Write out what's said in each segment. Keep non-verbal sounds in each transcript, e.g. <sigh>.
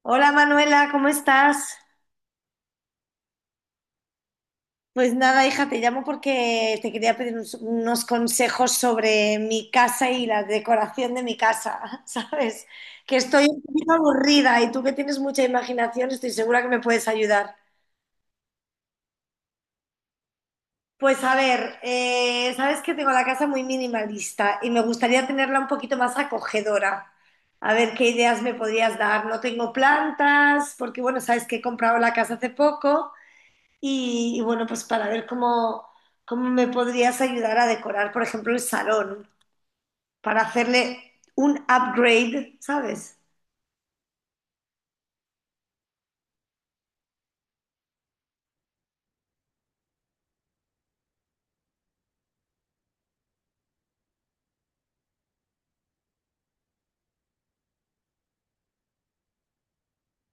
Hola Manuela, ¿cómo estás? Pues nada, hija, te llamo porque te quería pedir unos consejos sobre mi casa y la decoración de mi casa, <laughs> ¿sabes? Que estoy un poquito aburrida y tú que tienes mucha imaginación, estoy segura que me puedes ayudar. Pues a ver, sabes que tengo la casa muy minimalista y me gustaría tenerla un poquito más acogedora. A ver qué ideas me podrías dar. No tengo plantas, porque bueno, sabes que he comprado la casa hace poco. Y bueno, pues para ver cómo me podrías ayudar a decorar, por ejemplo, el salón, para hacerle un upgrade, ¿sabes?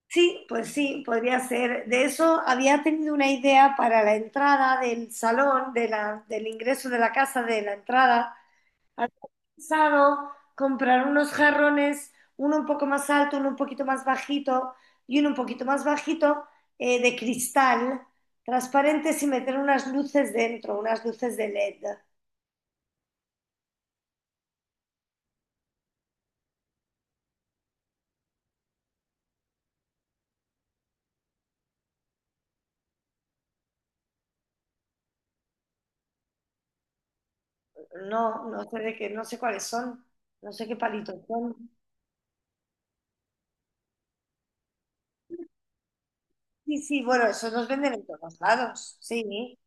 Sí, pues sí, podría ser. De eso había tenido una idea para la entrada del salón, del ingreso de la casa, de la entrada. Había pensado comprar unos jarrones, uno un poco más alto, uno un poquito más bajito y uno un poquito más bajito de cristal transparentes y meter unas luces dentro, unas luces de LED. No, no sé de qué, no sé cuáles son, no sé qué palitos son. Sí, sí, bueno, esos los venden en todos lados, sí.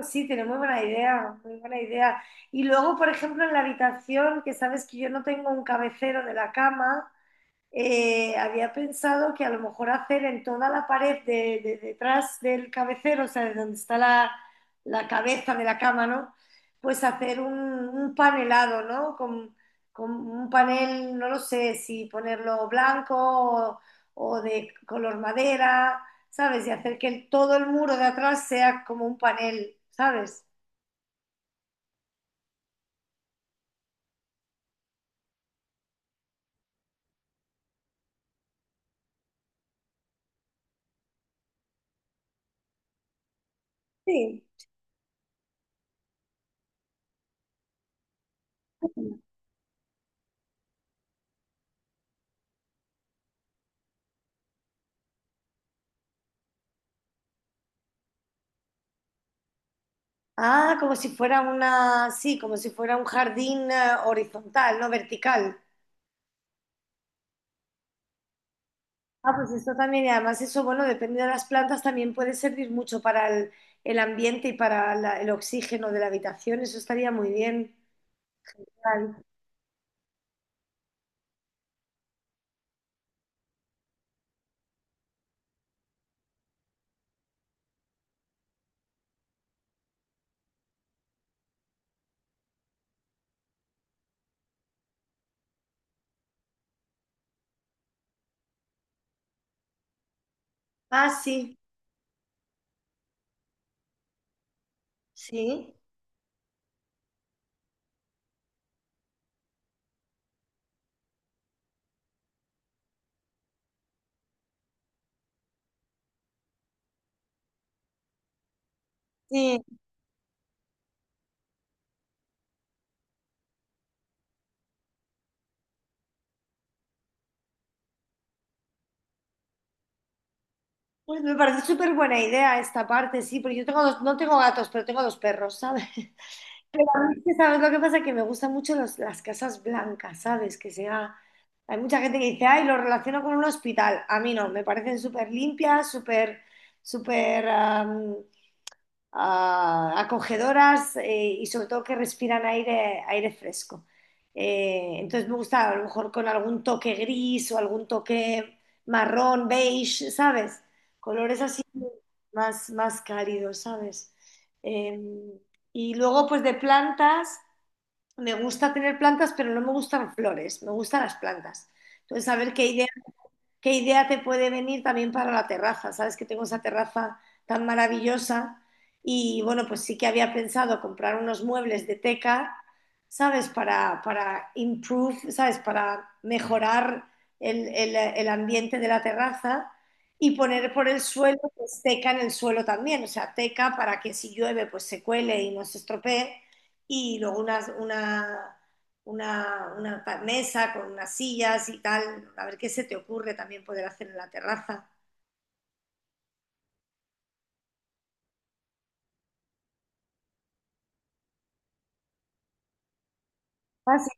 Sí, tiene muy buena idea, muy buena idea. Y luego, por ejemplo, en la habitación, que sabes que yo no tengo un cabecero de la cama, había pensado que a lo mejor hacer en toda la pared detrás del cabecero, o sea, de donde está la cabeza de la cama, ¿no? Pues hacer un panelado, ¿no? Con un panel, no lo sé, si ponerlo blanco o de color madera, ¿sabes? Y hacer que todo el muro de atrás sea como un panel, ¿sabes? Sí. Ah, como si fuera una, sí, como si fuera un jardín horizontal, no vertical. Ah, pues esto también, y además eso, bueno, depende de las plantas, también puede servir mucho para el ambiente y para el oxígeno de la habitación, eso estaría muy bien. Vale. Ah, sí, sí, sí. Pues me parece súper buena idea esta parte, sí, porque yo tengo dos, no tengo gatos, pero tengo dos perros, ¿sabes? <laughs> Pero a mí, es que, ¿sabes lo que pasa? Que me gustan mucho las casas blancas, ¿sabes? Que sea... Hay mucha gente que dice, ay, lo relaciono con un hospital. A mí no, me parecen súper limpias, súper, súper... ah, acogedoras y sobre todo que respiran aire, aire fresco. Entonces me gusta a lo mejor con algún toque gris o algún toque marrón, beige, ¿sabes? Colores así más, más cálidos, ¿sabes? Eh, y luego pues de plantas, me gusta tener plantas, pero no me gustan flores, me gustan las plantas. Entonces, saber qué idea ¿Qué idea te puede venir también para la terraza? Sabes que tengo esa terraza tan maravillosa y bueno, pues sí que había pensado comprar unos muebles de teca, ¿sabes? Para improve, ¿sabes? Para mejorar el ambiente de la terraza y poner por el suelo, pues teca en el suelo también, o sea, teca para que si llueve, pues se cuele y no se estropee y luego una mesa con unas sillas y tal, a ver qué se te ocurre también poder hacer en la terraza. Ah, sí.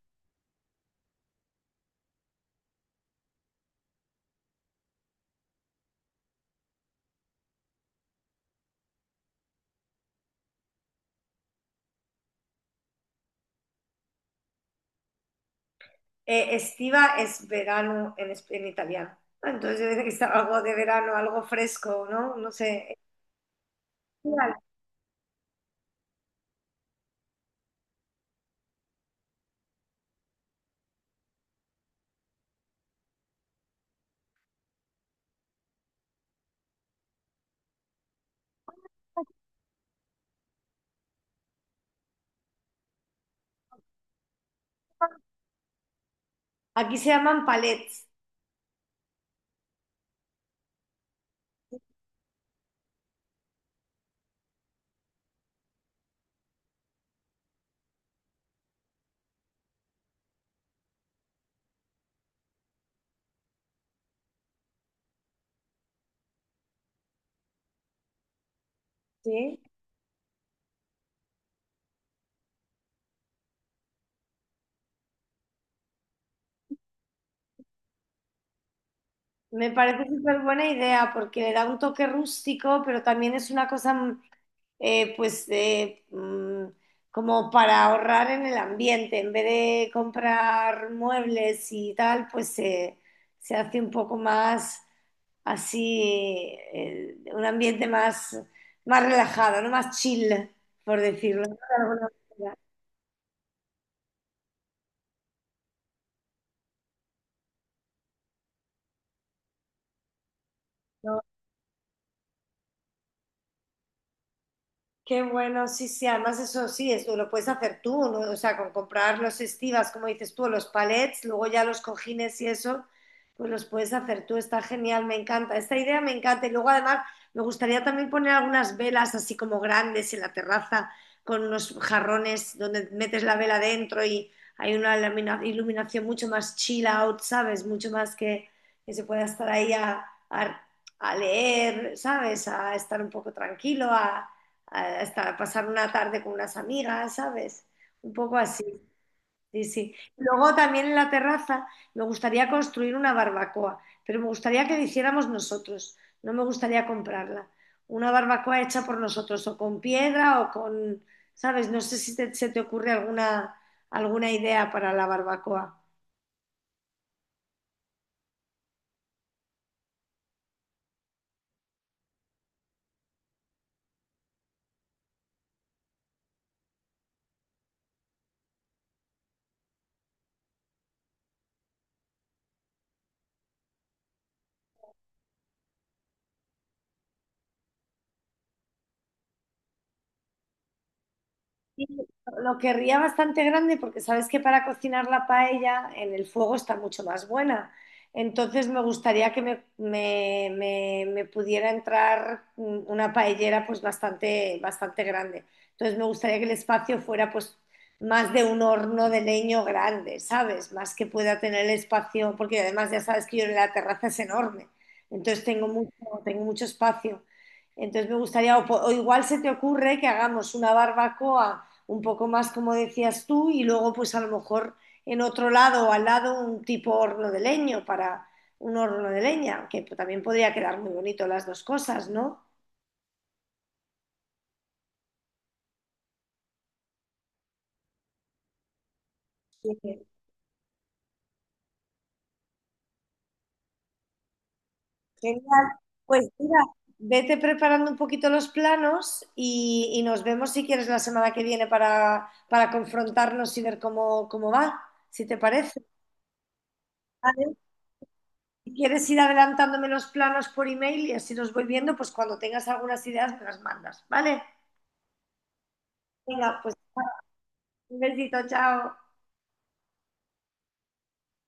Estiva es verano en, en italiano, ¿no? Entonces yo decía que estaba algo de verano, algo fresco, ¿no? No sé. Estival. Aquí se llaman palets, ¿sí? Me parece súper buena idea porque le da un toque rústico, pero también es una cosa eh, pues eh, mm, como para ahorrar en el ambiente, en vez de comprar muebles y tal, se hace un poco más así, un ambiente más, más relajado, ¿no? Más chill, por decirlo, ¿no? De alguna manera. ¿No? Qué bueno, sí, sí, además eso sí, eso lo puedes hacer tú, ¿no? O sea, con comprar los estivas, como dices tú, o los palets, luego ya los cojines y eso, pues los puedes hacer tú, está genial, me encanta, esta idea me encanta. Y luego además me gustaría también poner algunas velas así como grandes en la terraza, con unos jarrones donde metes la vela dentro y hay una iluminación mucho más chill out, ¿sabes? Mucho más que se pueda estar ahí a leer, ¿sabes? A estar un poco tranquilo, a eh, hasta pasar una tarde con unas amigas, ¿sabes? Un poco así, sí, sí. Luego también en la terraza me gustaría construir una barbacoa, pero me gustaría que la hiciéramos nosotros, no me gustaría comprarla. Una barbacoa hecha por nosotros, o con piedra o con, ¿sabes? No sé si se te ocurre alguna, alguna idea para la barbacoa. Sí, lo querría bastante grande porque sabes que para cocinar la paella en el fuego está mucho más buena. Entonces me gustaría que me pudiera entrar una paellera pues bastante, bastante grande. Entonces me gustaría que el espacio fuera pues más de un horno de leño grande, ¿sabes? Más que pueda tener el espacio, porque además ya sabes que yo en la terraza es enorme. Entonces tengo mucho espacio. Entonces me gustaría, o igual se te ocurre que hagamos una barbacoa un poco más como decías tú, y luego pues a lo mejor en otro lado o al lado un tipo horno de leño para un horno de leña, que también podría quedar muy bonito las dos cosas, ¿no? Sí, genial. Pues mira, vete preparando un poquito los planos y nos vemos si quieres la semana que viene para confrontarnos y ver cómo, cómo va, si te parece. ¿Vale? Si quieres ir adelantándome los planos por email y así los voy viendo, pues cuando tengas algunas ideas me las mandas, ¿vale? Venga, pues un besito, chao.